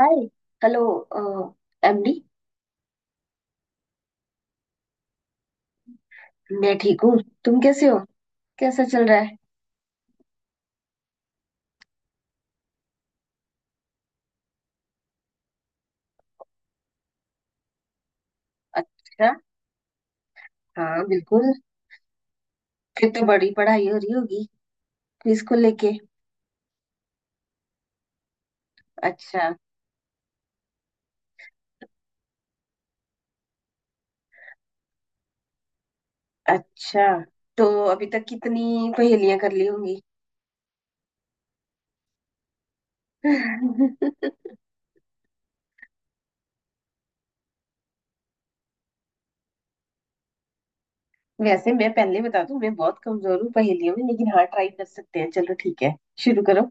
हाय। Hello. MD, मैं ठीक हूँ। तुम कैसे हो? कैसा चल रहा है? अच्छा। हाँ, बिल्कुल। फिर तो बड़ी पढ़ाई हो रही होगी क्विज को लेके। अच्छा। अच्छा तो अभी तक कितनी पहेलियां कर ली होंगी? वैसे मैं पहले बता दूं, मैं बहुत कमजोर हूँ पहेलियों में, लेकिन हाँ ट्राई कर सकते हैं। चलो, ठीक है, शुरू करो।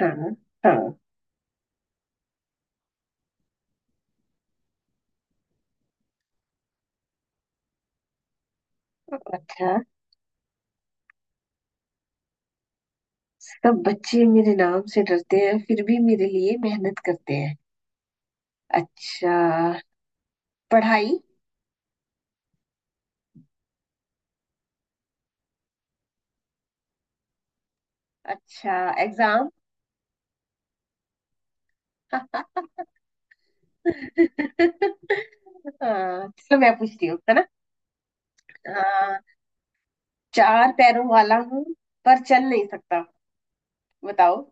हाँ, हाँ। अच्छा। सब बच्चे मेरे नाम से डरते हैं फिर भी मेरे लिए मेहनत करते हैं। अच्छा। पढ़ाई। अच्छा। एग्जाम। हाँ, चलो मैं पूछती हूँ, है ना। हाँ, चार पैरों वाला हूँ पर चल नहीं सकता। बताओ।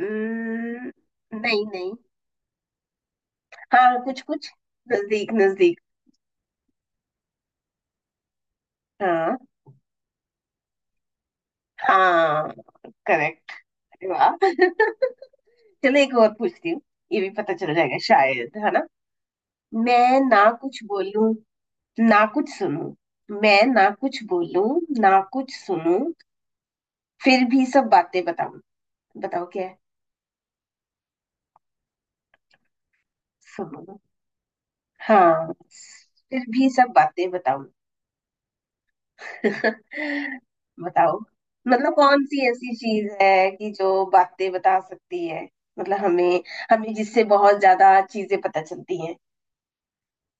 हम्म, नहीं नहीं। हाँ, कुछ कुछ। नजदीक नजदीक। हाँ। हाँ, करेक्ट। वाह। चलो, एक और पूछती हूँ। ये भी पता चल जाएगा शायद, है ना। मैं ना कुछ बोलूं ना कुछ सुनूं, मैं ना कुछ बोलूं ना कुछ सुनूं, फिर भी सब बातें बताऊं। बताओ क्या है। सुनो। हाँ, फिर भी सब बातें बताओ। बताओ। मतलब कौन सी ऐसी चीज है कि जो बातें बता सकती है? मतलब हमें हमें जिससे बहुत ज्यादा चीजें पता चलती हैं।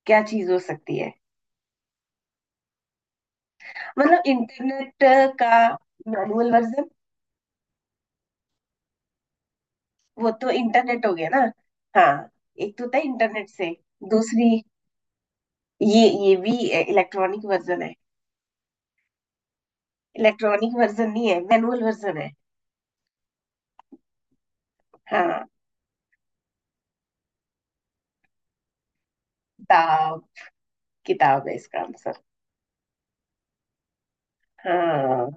क्या चीज हो सकती है? मतलब इंटरनेट का मैनुअल वर्जन। वो तो इंटरनेट हो गया ना। हाँ, एक तो था इंटरनेट से, दूसरी ये भी इलेक्ट्रॉनिक वर्जन है। इलेक्ट्रॉनिक वर्जन नहीं है, मैनुअल वर्जन है। हाँ, किताब, किताब है इसका आंसर। हाँ।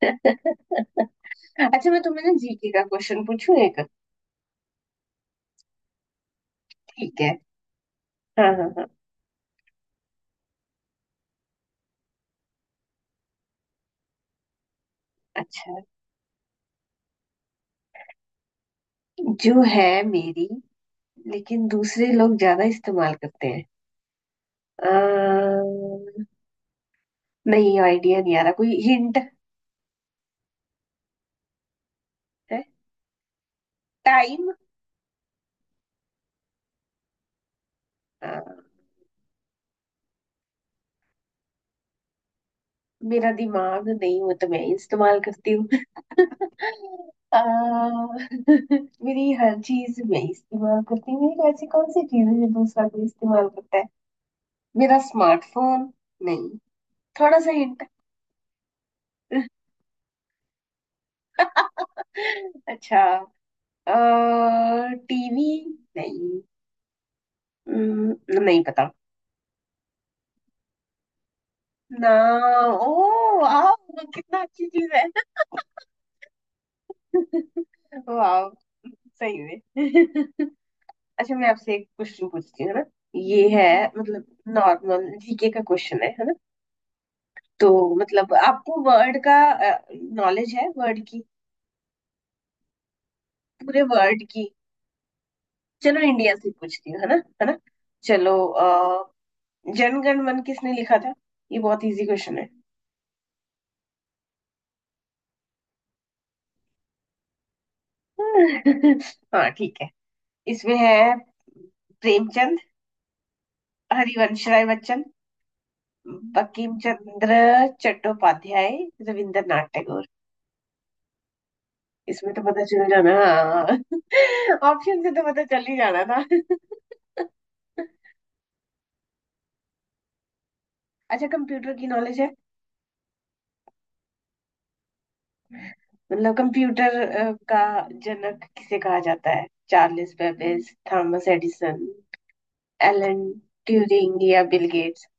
अच्छा, मैं तुम्हें ना जीके का क्वेश्चन पूछूं एक। ठीक है। हाँ, हाँ, हाँ। अच्छा, जो है मेरी लेकिन दूसरे लोग ज्यादा इस्तेमाल करते हैं। अ, नहीं, आइडिया नहीं आ रहा। कोई हिंट है? टाइम। मेरा दिमाग नहीं, वो तो मैं ही इस्तेमाल करती हूँ। अ, मेरी हर चीज मैं ही इस्तेमाल करती हूँ। मेरी ऐसी कौन सी चीज है जो दूसरा कोई इस्तेमाल करता है? मेरा स्मार्टफोन? नहीं, थोड़ा सा हिंट। अच्छा, टीवी? नहीं। नहीं पता। ना। ओ, वाह, कितना अच्छी चीज है। वाह, सही में। अच्छा, मैं आपसे एक क्वेश्चन पूछती हूँ, है ना। ये है, मतलब नॉर्मल जीके का क्वेश्चन है ना। तो मतलब आपको वर्ड का नॉलेज है? वर्ड की, पूरे वर्ड की। चलो इंडिया से पूछती हूँ, है ना, है ना। चलो, जनगण मन किसने लिखा था? ये बहुत इजी क्वेश्चन है। हाँ, ठीक है, इसमें है प्रेमचंद, हरिवंश राय बच्चन, बंकिम चंद्र चट्टोपाध्याय, रविंद्रनाथ टैगोर। इसमें तो पता चल जाना, ऑप्शन से तो पता चल ही जाना था। अच्छा, कंप्यूटर की नॉलेज है? मतलब कंप्यूटर का जनक किसे कहा जाता है? Charles Babbage, Thomas Edison, Alan Turing या बिल गेट्स।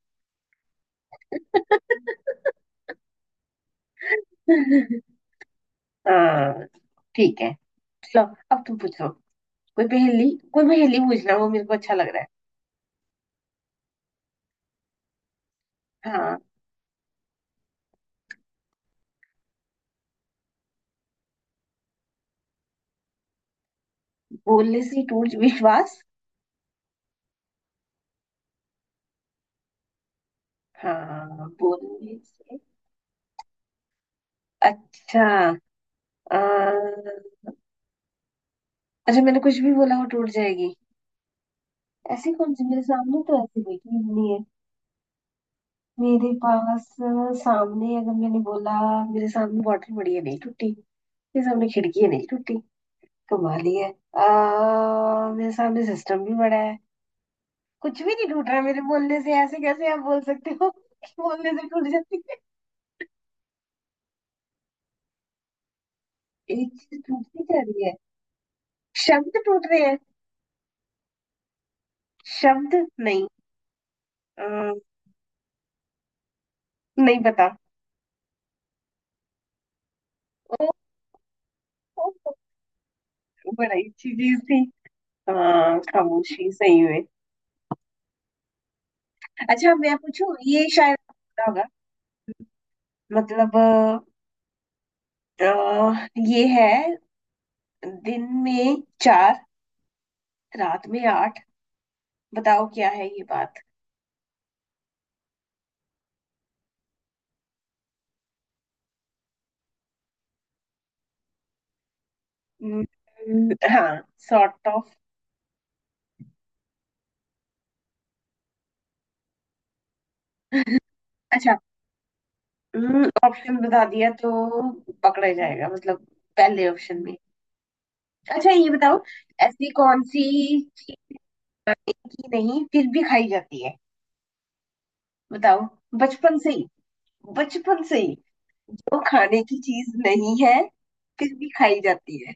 हाँ, ठीक है। चलो, अब तुम पूछो। कोई पहेली पूछना, वो मेरे को अच्छा लग रहा है। हाँ, बोलने से टूट? विश्वास? हाँ, बोलने से, अच्छा। आ, अच्छा, मैंने कुछ भी बोला वो टूट जाएगी। ऐसी कौन सी, मेरे सामने तो ऐसी कोई चीज नहीं है। मेरे पास सामने अगर मैंने बोला, मेरे सामने बॉटल पड़ी है, नहीं टूटी। मेरे सामने खिड़की है, नहीं टूटी। कमाल ही है। मेरे सामने सिस्टम भी बड़ा है, कुछ भी नहीं टूट रहा है मेरे बोलने से। ऐसे कैसे आप बोल सकते हो कि बोलने से टूट जाती है? एक चीज टूटती जा रही है? शब्द टूट रहे हैं? शब्द? नहीं। अ, नहीं पता। ओ, ओ, बड़ा ही अच्छी चीज थी। हाँ, खामोशी सही में। अच्छा, मैं पूछूं, ये शायद आपको पता होगा। मतलब ये है: दिन में चार, रात में आठ। बताओ क्या है ये बात। हाँ, सॉर्ट ऑफ। अच्छा, ऑप्शन बता दिया तो पकड़ा ही जाएगा, मतलब पहले ऑप्शन में। अच्छा, ये बताओ, ऐसी कौन सी की नहीं फिर भी खाई जाती है? बताओ। बचपन से ही, बचपन से ही वो खाने की चीज नहीं है फिर भी खाई जाती है।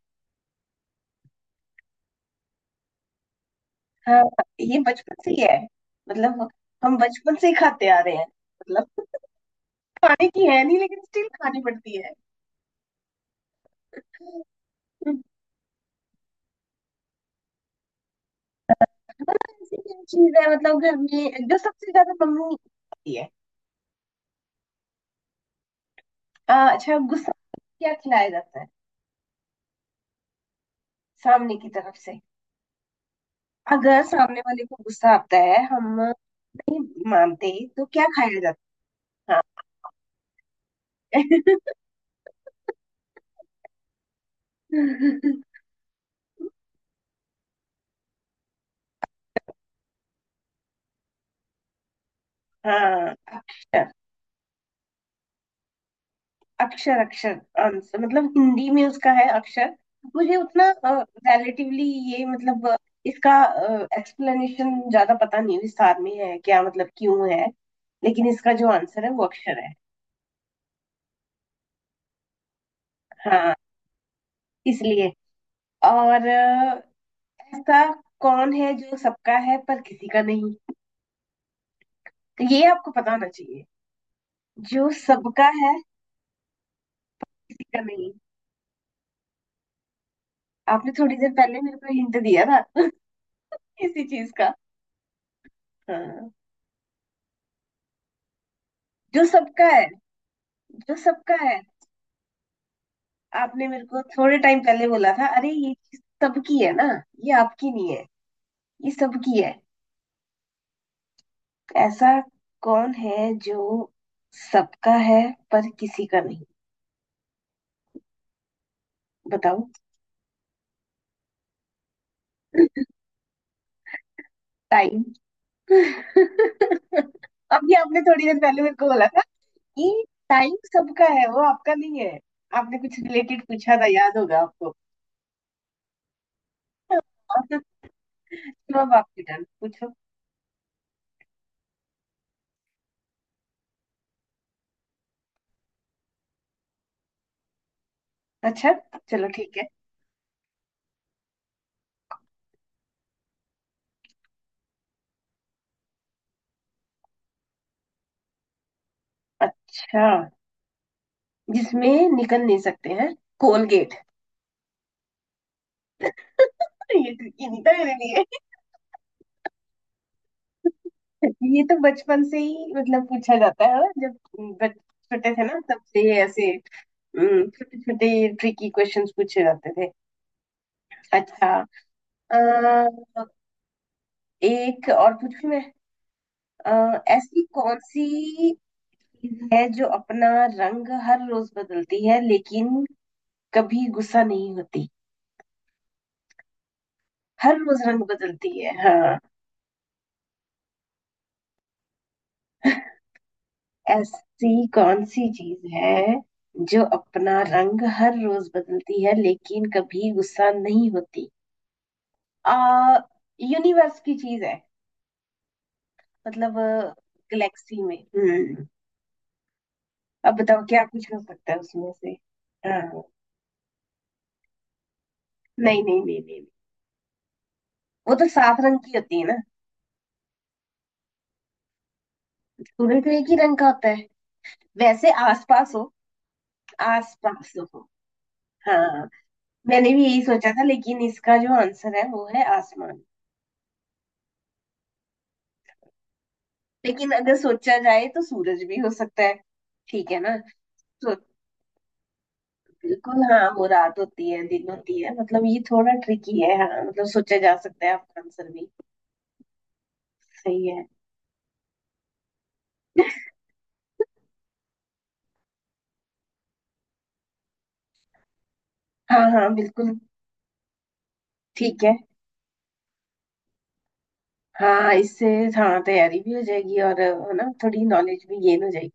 हाँ, ये बचपन से ही है, मतलब हम बचपन से ही खाते आ रहे हैं। मतलब खाने की है नहीं, लेकिन स्टिल खानी पड़ती है। ऐसी क्या चीज है, मतलब घर में जो सबसे ज्यादा मम्मी खाती है? अच्छा, गुस्सा, क्या खिलाया जाता है सामने की तरफ से? अगर सामने वाले को गुस्सा आता है, हम नहीं मानते तो क्या खाया जाता है? हाँ। हाँ, अक्षर, अक्षर, अक्षर आंसर, मतलब हिंदी में उसका है अक्षर। मुझे उतना रिलेटिवली, ये मतलब इसका एक्सप्लेनेशन ज्यादा पता नहीं विस्तार में है, क्या मतलब क्यों है, लेकिन इसका जो आंसर है वो अक्षर है। हाँ, इसलिए। और ऐसा कौन है जो सबका है पर किसी का नहीं, तो ये आपको पता होना चाहिए। जो सबका है, किसी का नहीं। आपने थोड़ी देर पहले मेरे को हिंट दिया था इसी चीज का। हाँ। जो सबका है, जो सबका है। आपने मेरे को थोड़े टाइम पहले बोला था अरे ये चीज सबकी है ना, ये आपकी नहीं है, ये सबकी है। ऐसा कौन है जो सबका है पर किसी का नहीं? बताओ। टाइम। अभी आपने थोड़ी देर पहले मेरे को बोला था कि टाइम सबका है, वो आपका नहीं है। आपने कुछ रिलेटेड पूछा था, याद होगा आपको। तो अब आपकी टर्न, पूछो। अच्छा, चलो, ठीक है। अच्छा, जिसमें निकल नहीं सकते हैं? कोलगेट। ये tricky नहीं था मेरे लिए। ये तो बचपन से ही मतलब पूछा जाता है ना? जब बच छोटे थे ना, तब से ये ऐसे छोटे छोटे ट्रिकी क्वेश्चंस पूछे जाते थे। अच्छा। अ, एक और पूछूं मैं। ऐसी कौन सी चीज है जो अपना रंग हर रोज बदलती है लेकिन कभी गुस्सा नहीं होती? हर रोज रंग बदलती है, हाँ। ऐसी कौन सी चीज है जो अपना रंग हर रोज बदलती है लेकिन कभी गुस्सा नहीं होती? आ यूनिवर्स की चीज है, मतलब गैलेक्सी में। अब बताओ क्या कुछ हो सकता है उसमें से। हाँ। नहीं नहीं नहीं नहीं, वो तो सात रंग की होती है ना। सूर्य तो एक ही रंग का होता है वैसे। आसपास हो, आसपास हो। हाँ, मैंने भी यही सोचा था, लेकिन इसका जो आंसर है वो है आसमान। लेकिन अगर सोचा जाए तो सूरज भी हो सकता है, ठीक है ना तो। बिल्कुल, हाँ, वो रात होती है दिन होती है, मतलब ये थोड़ा ट्रिकी है, हाँ मतलब सोचा जा सकता है आपका आंसर भी सही है। हाँ, हाँ, बिल्कुल। ठीक है। हाँ, इससे, हाँ, तैयारी भी हो जाएगी और है ना थोड़ी नॉलेज भी गेन हो जाएगी।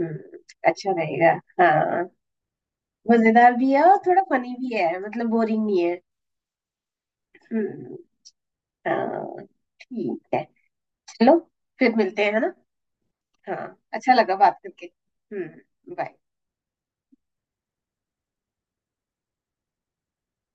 हम्म अच्छा रहेगा। हाँ, मजेदार भी है और थोड़ा फनी भी है, मतलब बोरिंग नहीं है। हम्म। हाँ, ठीक है। चलो, फिर मिलते हैं, है ना। हाँ, अच्छा लगा बात करके। हम्म, बाय।